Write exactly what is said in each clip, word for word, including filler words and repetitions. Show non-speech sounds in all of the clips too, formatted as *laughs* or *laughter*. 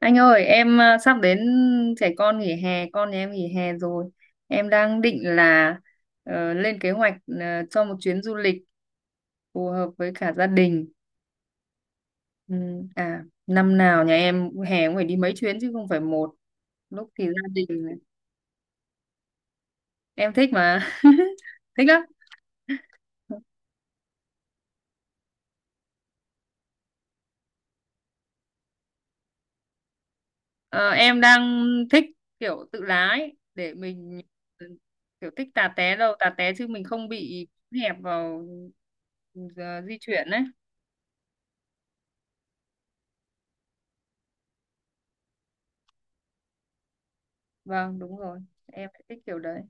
Anh ơi, em à, sắp đến trẻ con nghỉ hè, con nhà em nghỉ hè rồi. Em đang định là ờ, lên kế hoạch ờ, cho một chuyến du lịch phù hợp với cả gia đình. Ừ, à, năm nào nhà em hè cũng phải đi mấy chuyến chứ không phải một. Lúc thì gia đình em thích mà. *laughs* Thích lắm. Ờ, em đang thích kiểu tự lái để mình, ừ, kiểu thích tà té đâu, tà té chứ mình không bị hẹp vào, ừ, di chuyển ấy. Vâng, đúng rồi. Em lại thích kiểu đấy.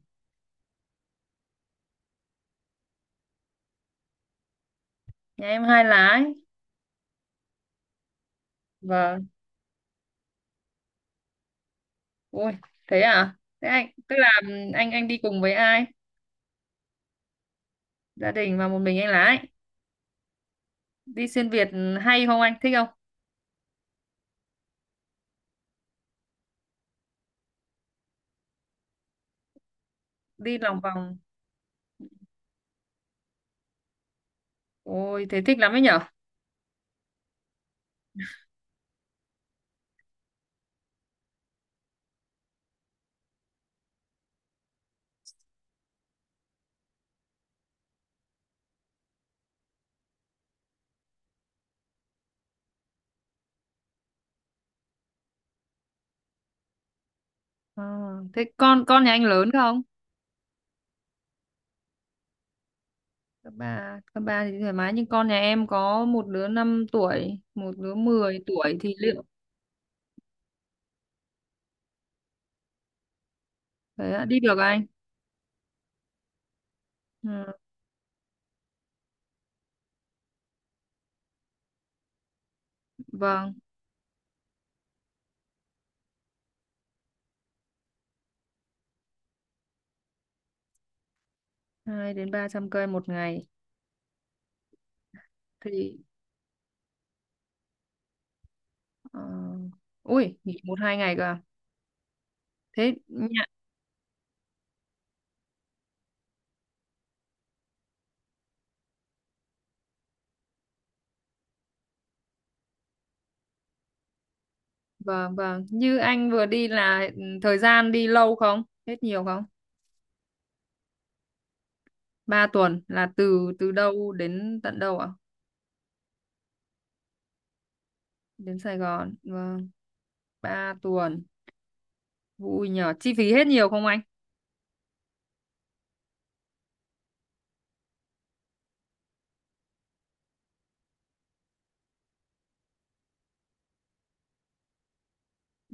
Nhà em hai lá ấy. Vâng. Ui, thế à? Thế anh, tức là ừ, anh anh đi cùng với ai? Gia đình và một mình anh lái. Đi xuyên Việt hay không anh? Thích không? Đi lòng vòng. Ôi, thế thích lắm ấy nhở? Ờ, thế con con nhà anh lớn không? Các bà, các bà thì thoải mái, nhưng con nhà em có một đứa năm tuổi, một đứa mười tuổi thì liệu thế ạ, đi được anh? Ừ, vâng, hai đến ba trăm cây một ngày thì, ờ, ui, nghỉ một hai ngày cơ à? thế nhà- vâng, vâng, như anh vừa đi là, ừ, thời gian đi lâu không, hết nhiều không? Ba tuần là từ từ đâu đến tận đâu ạ? Đến Sài Gòn, vâng. Ba tuần, vui nhờ. Chi phí hết nhiều không anh?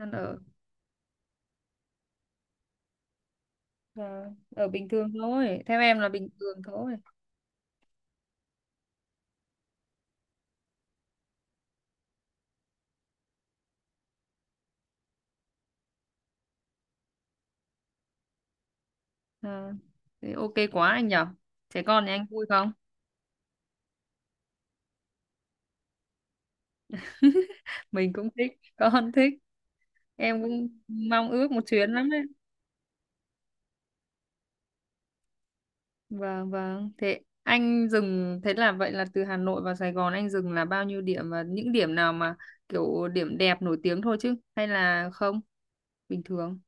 Ăn ở. Ờ, ở bình thường thôi, theo em là bình thường thôi. Ờ, thế ok quá anh nhở. Trẻ con thì anh vui không? *laughs* Mình cũng thích, con thích. Em cũng mong ước một chuyến lắm. Vâng, vâng. Thế anh dừng, thế là vậy là từ Hà Nội vào Sài Gòn anh dừng là bao nhiêu điểm, và những điểm nào mà kiểu điểm đẹp nổi tiếng thôi chứ, hay là không? Bình thường.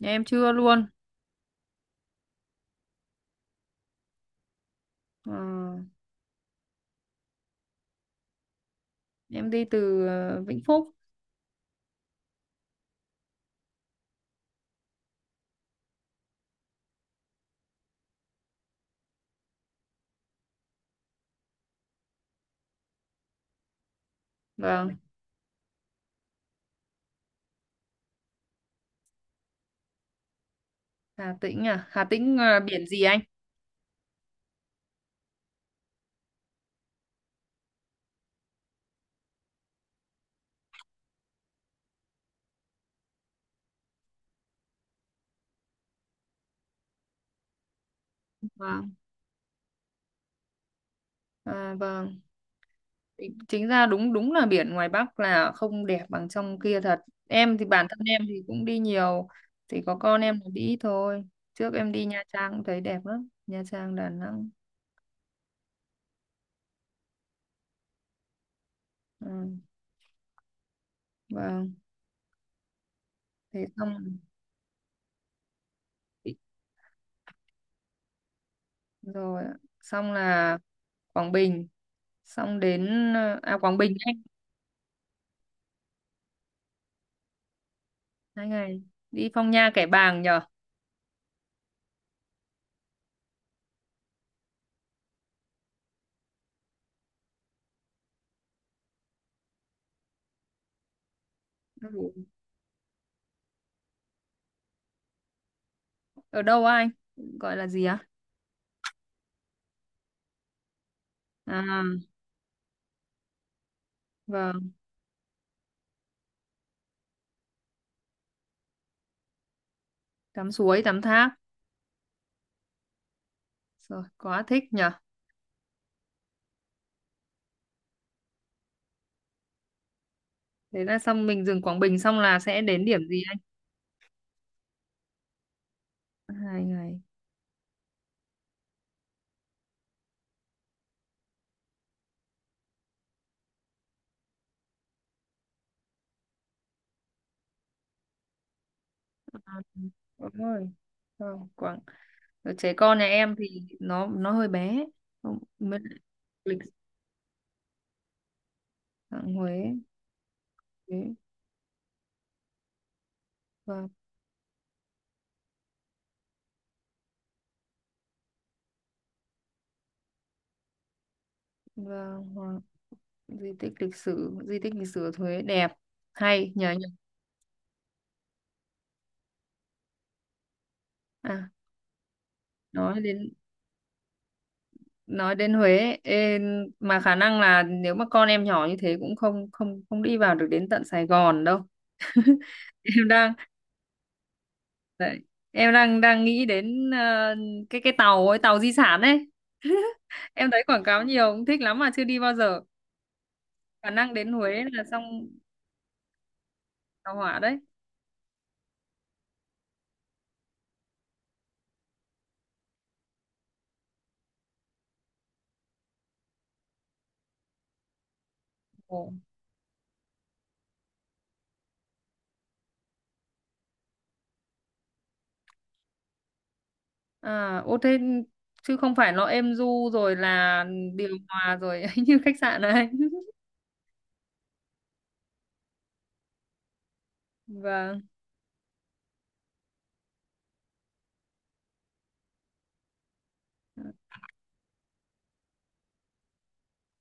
Nhà em chưa luôn. Ờ, em đi từ ờ, Vĩnh Phúc. Vâng. Hà Tĩnh à? Hà Tĩnh, ờ, biển gì anh? Vâng. À, vâng. Chính ra đúng đúng là biển ngoài Bắc là không đẹp bằng trong kia thật. Em thì bản thân em thì cũng đi nhiều, thì có con em là đi ít thôi. Trước em đi Nha Trang cũng thấy đẹp lắm. Nha Trang, Đà Nẵng. Ừ, vâng, thế xong rồi ạ. Xong là Quảng Bình, xong đến ờ, à Quảng Bình anh. Hai ngày đi Phong Nha Kẻ Bàng nhờ. Ừ. Ở đâu á anh, gọi là gì á? À vâng, tắm suối, tắm thác, rồi quá thích nhờ. Thế là xong mình dừng Quảng Bình, xong là sẽ đến điểm gì anh? Hai ngày, đúng rồi. Vâng, Quảng, ở trẻ con nhà em thì nó nó hơi bé. Không, mới lại lịch. Huế, Huế và và di tích lịch sử, di tích lịch sử ở Huế đẹp hay nhờ nhờ. À, nói đến, nói đến Huế ấy, ê, mà khả năng là nếu mà con em nhỏ như thế cũng không, không, không đi vào được đến tận Sài Gòn đâu. *laughs* em đang đấy, em đang đang nghĩ đến ờ, cái cái tàu ấy, tàu di sản ấy. Em thấy quảng cáo nhiều cũng thích lắm mà chưa đi bao giờ. Khả năng đến Huế là xong. Tàu hỏa đấy. Ồ. à ô thế chứ không phải nó êm du rồi là điều hòa rồi *laughs* như khách sạn này. Vâng.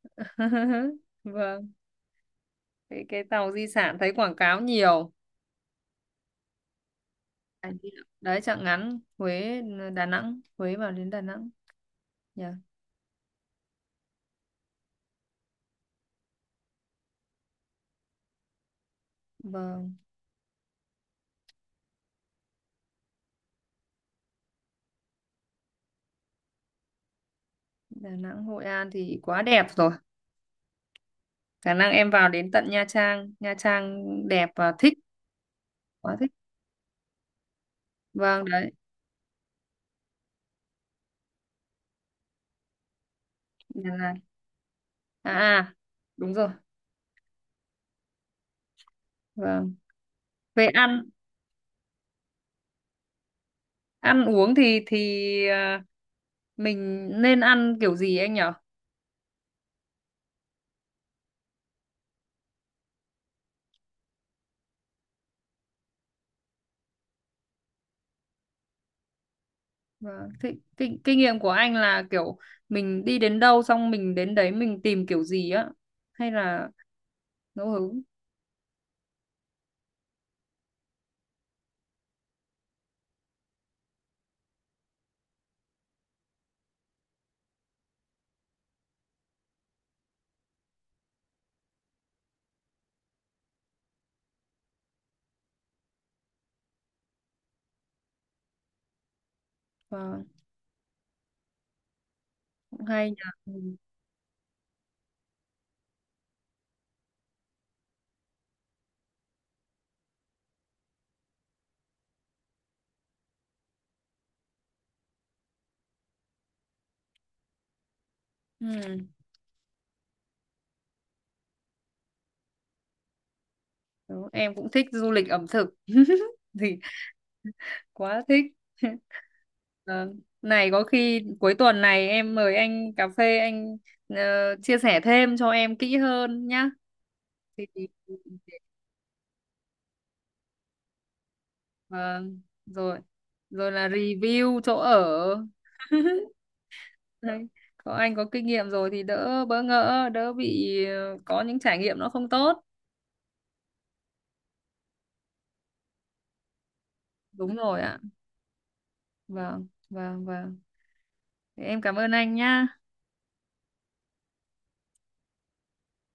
*laughs* Vâng, cái, cái tàu di sản thấy quảng cáo nhiều. Anh đi ạ. Đấy, chặng ngắn Huế, Đà Nẵng. Huế vào đến Đà Nẵng nhỉ. Vâng. Đà Nẵng, Hội An thì quá đẹp rồi. Khả năng em vào đến tận Nha Trang, Nha Trang đẹp và thích. Quá thích. Vâng, đấy. Đà Lạt, à, à đúng rồi. Vâng. Về ăn ăn uống thì thì à, mình nên ăn kiểu gì anh nhỉ? Vâng. Thế, kinh, kinh nghiệm của anh là kiểu mình đi đến đâu, xong mình đến đấy mình tìm kiểu gì á, hay là ngẫu hứng? Vâng, cũng hay nhỉ. Ừ. Ừ. Đúng, em cũng thích du lịch ẩm thực *laughs* thì quá thích. *laughs* Vâng. Này có khi cuối tuần này em mời anh cà phê anh, ờ, chia sẻ thêm cho em kỹ hơn nhá. thì thì- vâng, rồi, rồi là review chỗ ở. *laughs* Đấy. Có anh có kinh nghiệm rồi thì đỡ bỡ ngỡ, đỡ bị, ờ, có những trải nghiệm nó không tốt. Đúng rồi ạ. Vâng, vâng, vâng. Thế em cảm ơn anh nhá.